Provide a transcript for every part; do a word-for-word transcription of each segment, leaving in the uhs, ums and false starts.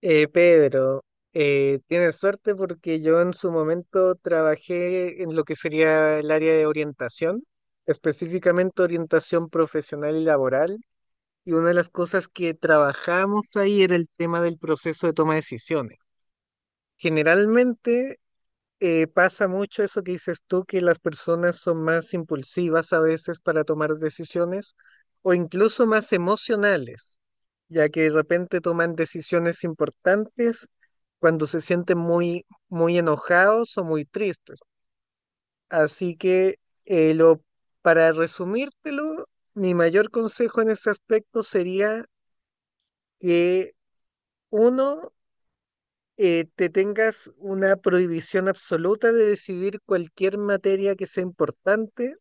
Eh, Pedro, eh, tienes suerte porque yo en su momento trabajé en lo que sería el área de orientación, específicamente orientación profesional y laboral, y una de las cosas que trabajamos ahí era el tema del proceso de toma de decisiones. Generalmente eh, pasa mucho eso que dices tú, que las personas son más impulsivas a veces para tomar decisiones o incluso más emocionales, ya que de repente toman decisiones importantes cuando se sienten muy, muy enojados o muy tristes. Así que eh, lo, para resumírtelo, mi mayor consejo en ese aspecto sería que uno eh, te tengas una prohibición absoluta de decidir cualquier materia que sea importante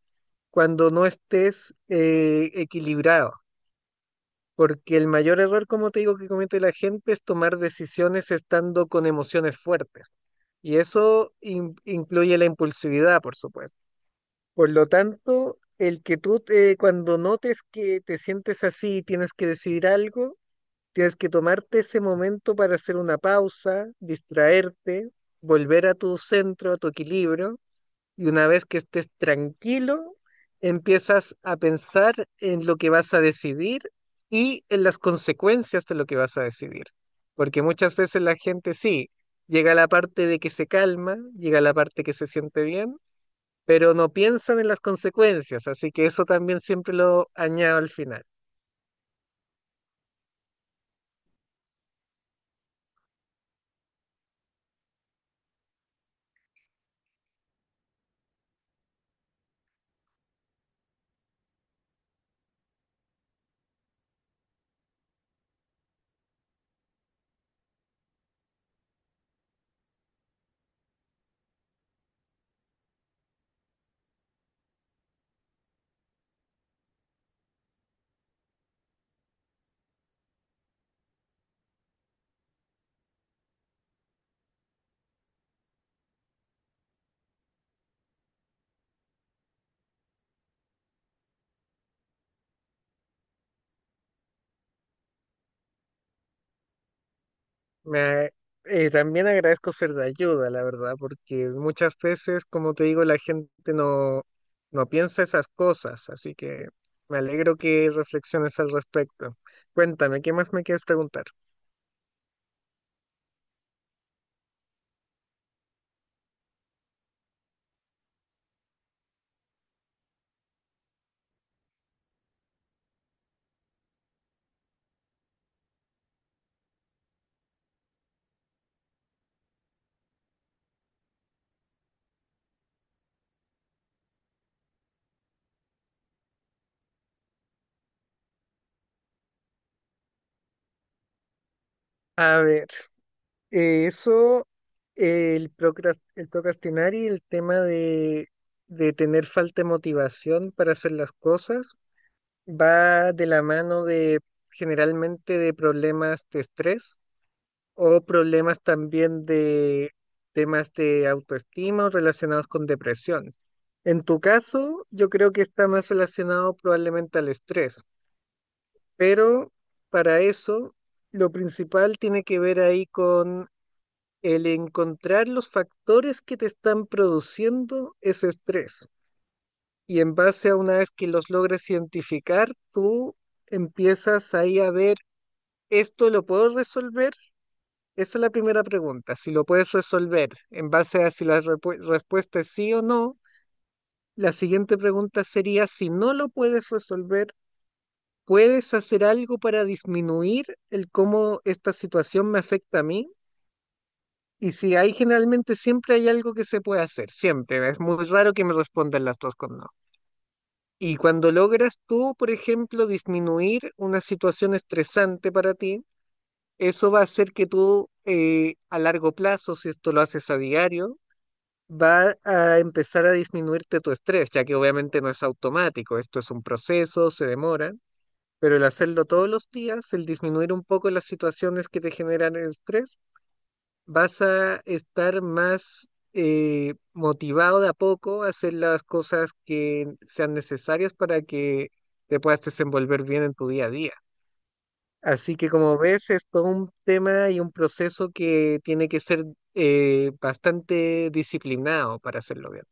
cuando no estés eh, equilibrado. Porque el mayor error, como te digo, que comete la gente es tomar decisiones estando con emociones fuertes. Y eso in- incluye la impulsividad, por supuesto. Por lo tanto, el que tú, te- cuando notes que te sientes así y tienes que decidir algo, tienes que tomarte ese momento para hacer una pausa, distraerte, volver a tu centro, a tu equilibrio, y una vez que estés tranquilo, empiezas a pensar en lo que vas a decidir y en las consecuencias de lo que vas a decidir. Porque muchas veces la gente sí, llega a la parte de que se calma, llega a la parte que se siente bien, pero no piensan en las consecuencias, así que eso también siempre lo añado al final. Me, eh, también agradezco ser de ayuda, la verdad, porque muchas veces, como te digo, la gente no, no piensa esas cosas, así que me alegro que reflexiones al respecto. Cuéntame, ¿qué más me quieres preguntar? A ver, eh, eso, eh, el procras- el procrastinar y el tema de, de tener falta de motivación para hacer las cosas va de la mano de generalmente de problemas de estrés o problemas también de temas de autoestima o relacionados con depresión. En tu caso, yo creo que está más relacionado probablemente al estrés, pero para eso lo principal tiene que ver ahí con el encontrar los factores que te están produciendo ese estrés. Y en base a una vez que los logres identificar, tú empiezas ahí a ver, esto lo puedo resolver. Esa es la primera pregunta, si lo puedes resolver en base a si la repu- respuesta es sí o no. La siguiente pregunta sería, si no lo puedes resolver, ¿puedes hacer algo para disminuir el cómo esta situación me afecta a mí? Y si hay, generalmente siempre hay algo que se puede hacer, siempre. Es muy raro que me respondan las dos con no. Y cuando logras tú, por ejemplo, disminuir una situación estresante para ti, eso va a hacer que tú eh, a largo plazo, si esto lo haces a diario, va a empezar a disminuirte tu estrés, ya que obviamente no es automático, esto es un proceso, se demora, pero el hacerlo todos los días, el disminuir un poco las situaciones que te generan estrés, vas a estar más eh, motivado de a poco a hacer las cosas que sean necesarias para que te puedas desenvolver bien en tu día a día. Así que como ves, es todo un tema y un proceso que tiene que ser eh, bastante disciplinado para hacerlo bien.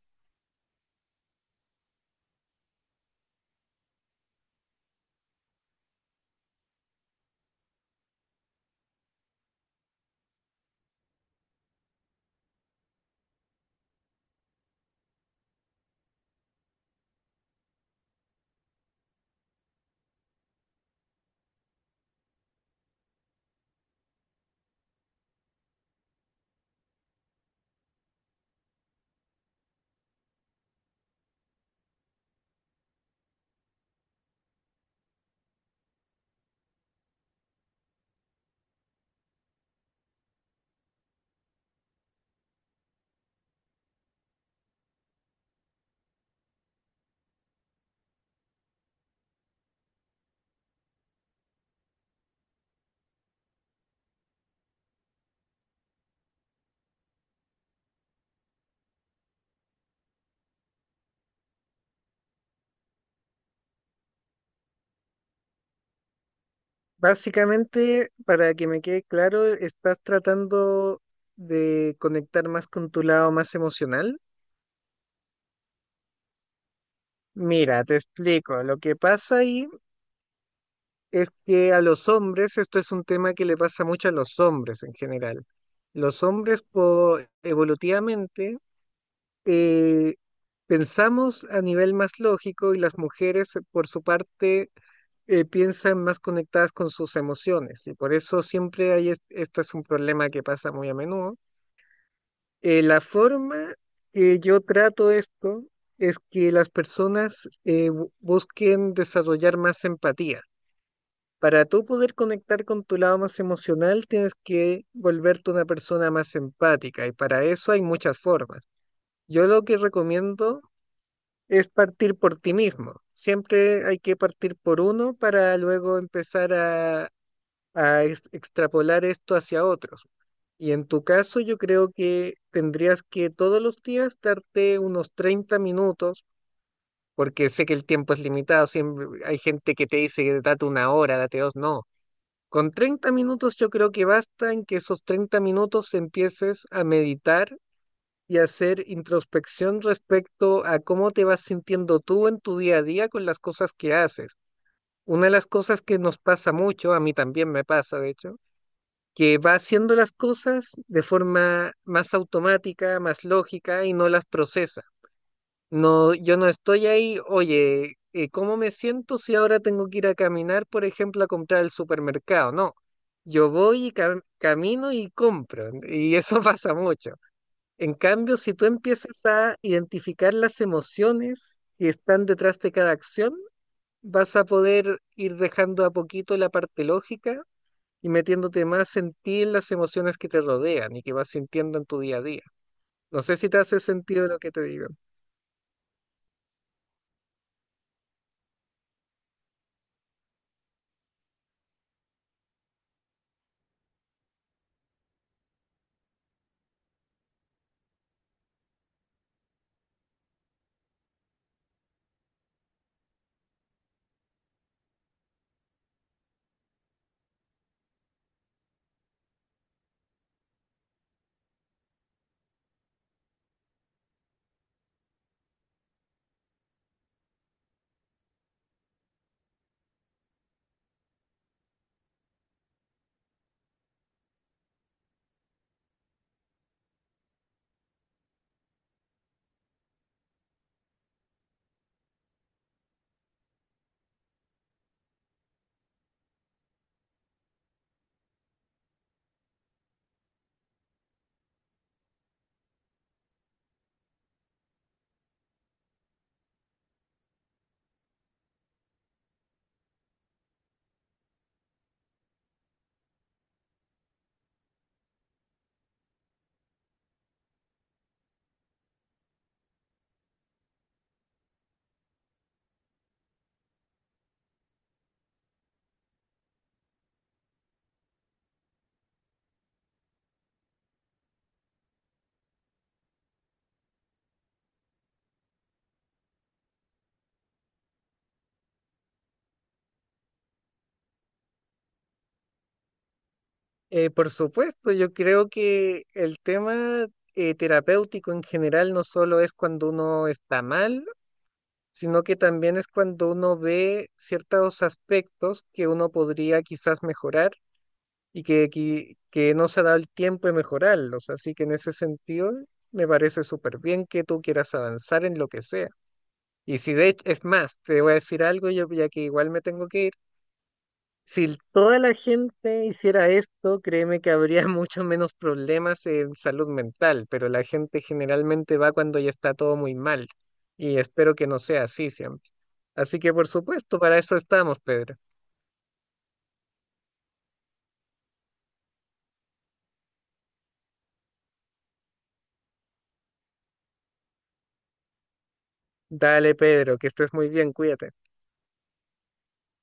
Básicamente, para que me quede claro, estás tratando de conectar más con tu lado más emocional. Mira, te explico. Lo que pasa ahí es que a los hombres, esto es un tema que le pasa mucho a los hombres en general. Los hombres, po- evolutivamente, eh, pensamos a nivel más lógico y las mujeres, por su parte, eh, piensan más conectadas con sus emociones. Y por eso siempre hay, es- esto es un problema que pasa muy a menudo. Eh, la forma que yo trato esto es que las personas eh, bu- busquen desarrollar más empatía. Para tú poder conectar con tu lado más emocional, tienes que volverte una persona más empática y para eso hay muchas formas. Yo lo que recomiendo es partir por ti mismo. Siempre hay que partir por uno para luego empezar a, a ex- extrapolar esto hacia otros. Y en tu caso yo creo que tendrías que todos los días darte unos treinta minutos, porque sé que el tiempo es limitado, siempre hay gente que te dice date una hora, date dos, no. Con treinta minutos yo creo que basta en que esos treinta minutos empieces a meditar y a hacer introspección respecto a cómo te vas sintiendo tú en tu día a día con las cosas que haces. Una de las cosas que nos pasa mucho, a mí también me pasa de hecho, que va haciendo las cosas de forma más automática, más lógica y no las procesa. No, yo no estoy ahí, oye, eh, ¿cómo me siento si ahora tengo que ir a caminar, por ejemplo, a comprar al supermercado? No, yo voy y cam- camino y compro, y eso pasa mucho. En cambio, si tú empiezas a identificar las emociones que están detrás de cada acción, vas a poder ir dejando a poquito la parte lógica y metiéndote más en ti en las emociones que te rodean y que vas sintiendo en tu día a día. No sé si te hace sentido lo que te digo. Eh, por supuesto, yo creo que el tema eh, terapéutico en general no solo es cuando uno está mal, sino que también es cuando uno ve ciertos aspectos que uno podría quizás mejorar y que, que, que no se ha dado el tiempo de mejorarlos. Así que en ese sentido, me parece súper bien que tú quieras avanzar en lo que sea. Y si de hecho, es más, te voy a decir algo, yo ya que igual me tengo que ir. Si toda la gente hiciera esto, créeme que habría mucho menos problemas en salud mental, pero la gente generalmente va cuando ya está todo muy mal. Y espero que no sea así siempre. Así que por supuesto, para eso estamos, Pedro. Dale, Pedro, que estés muy bien, cuídate.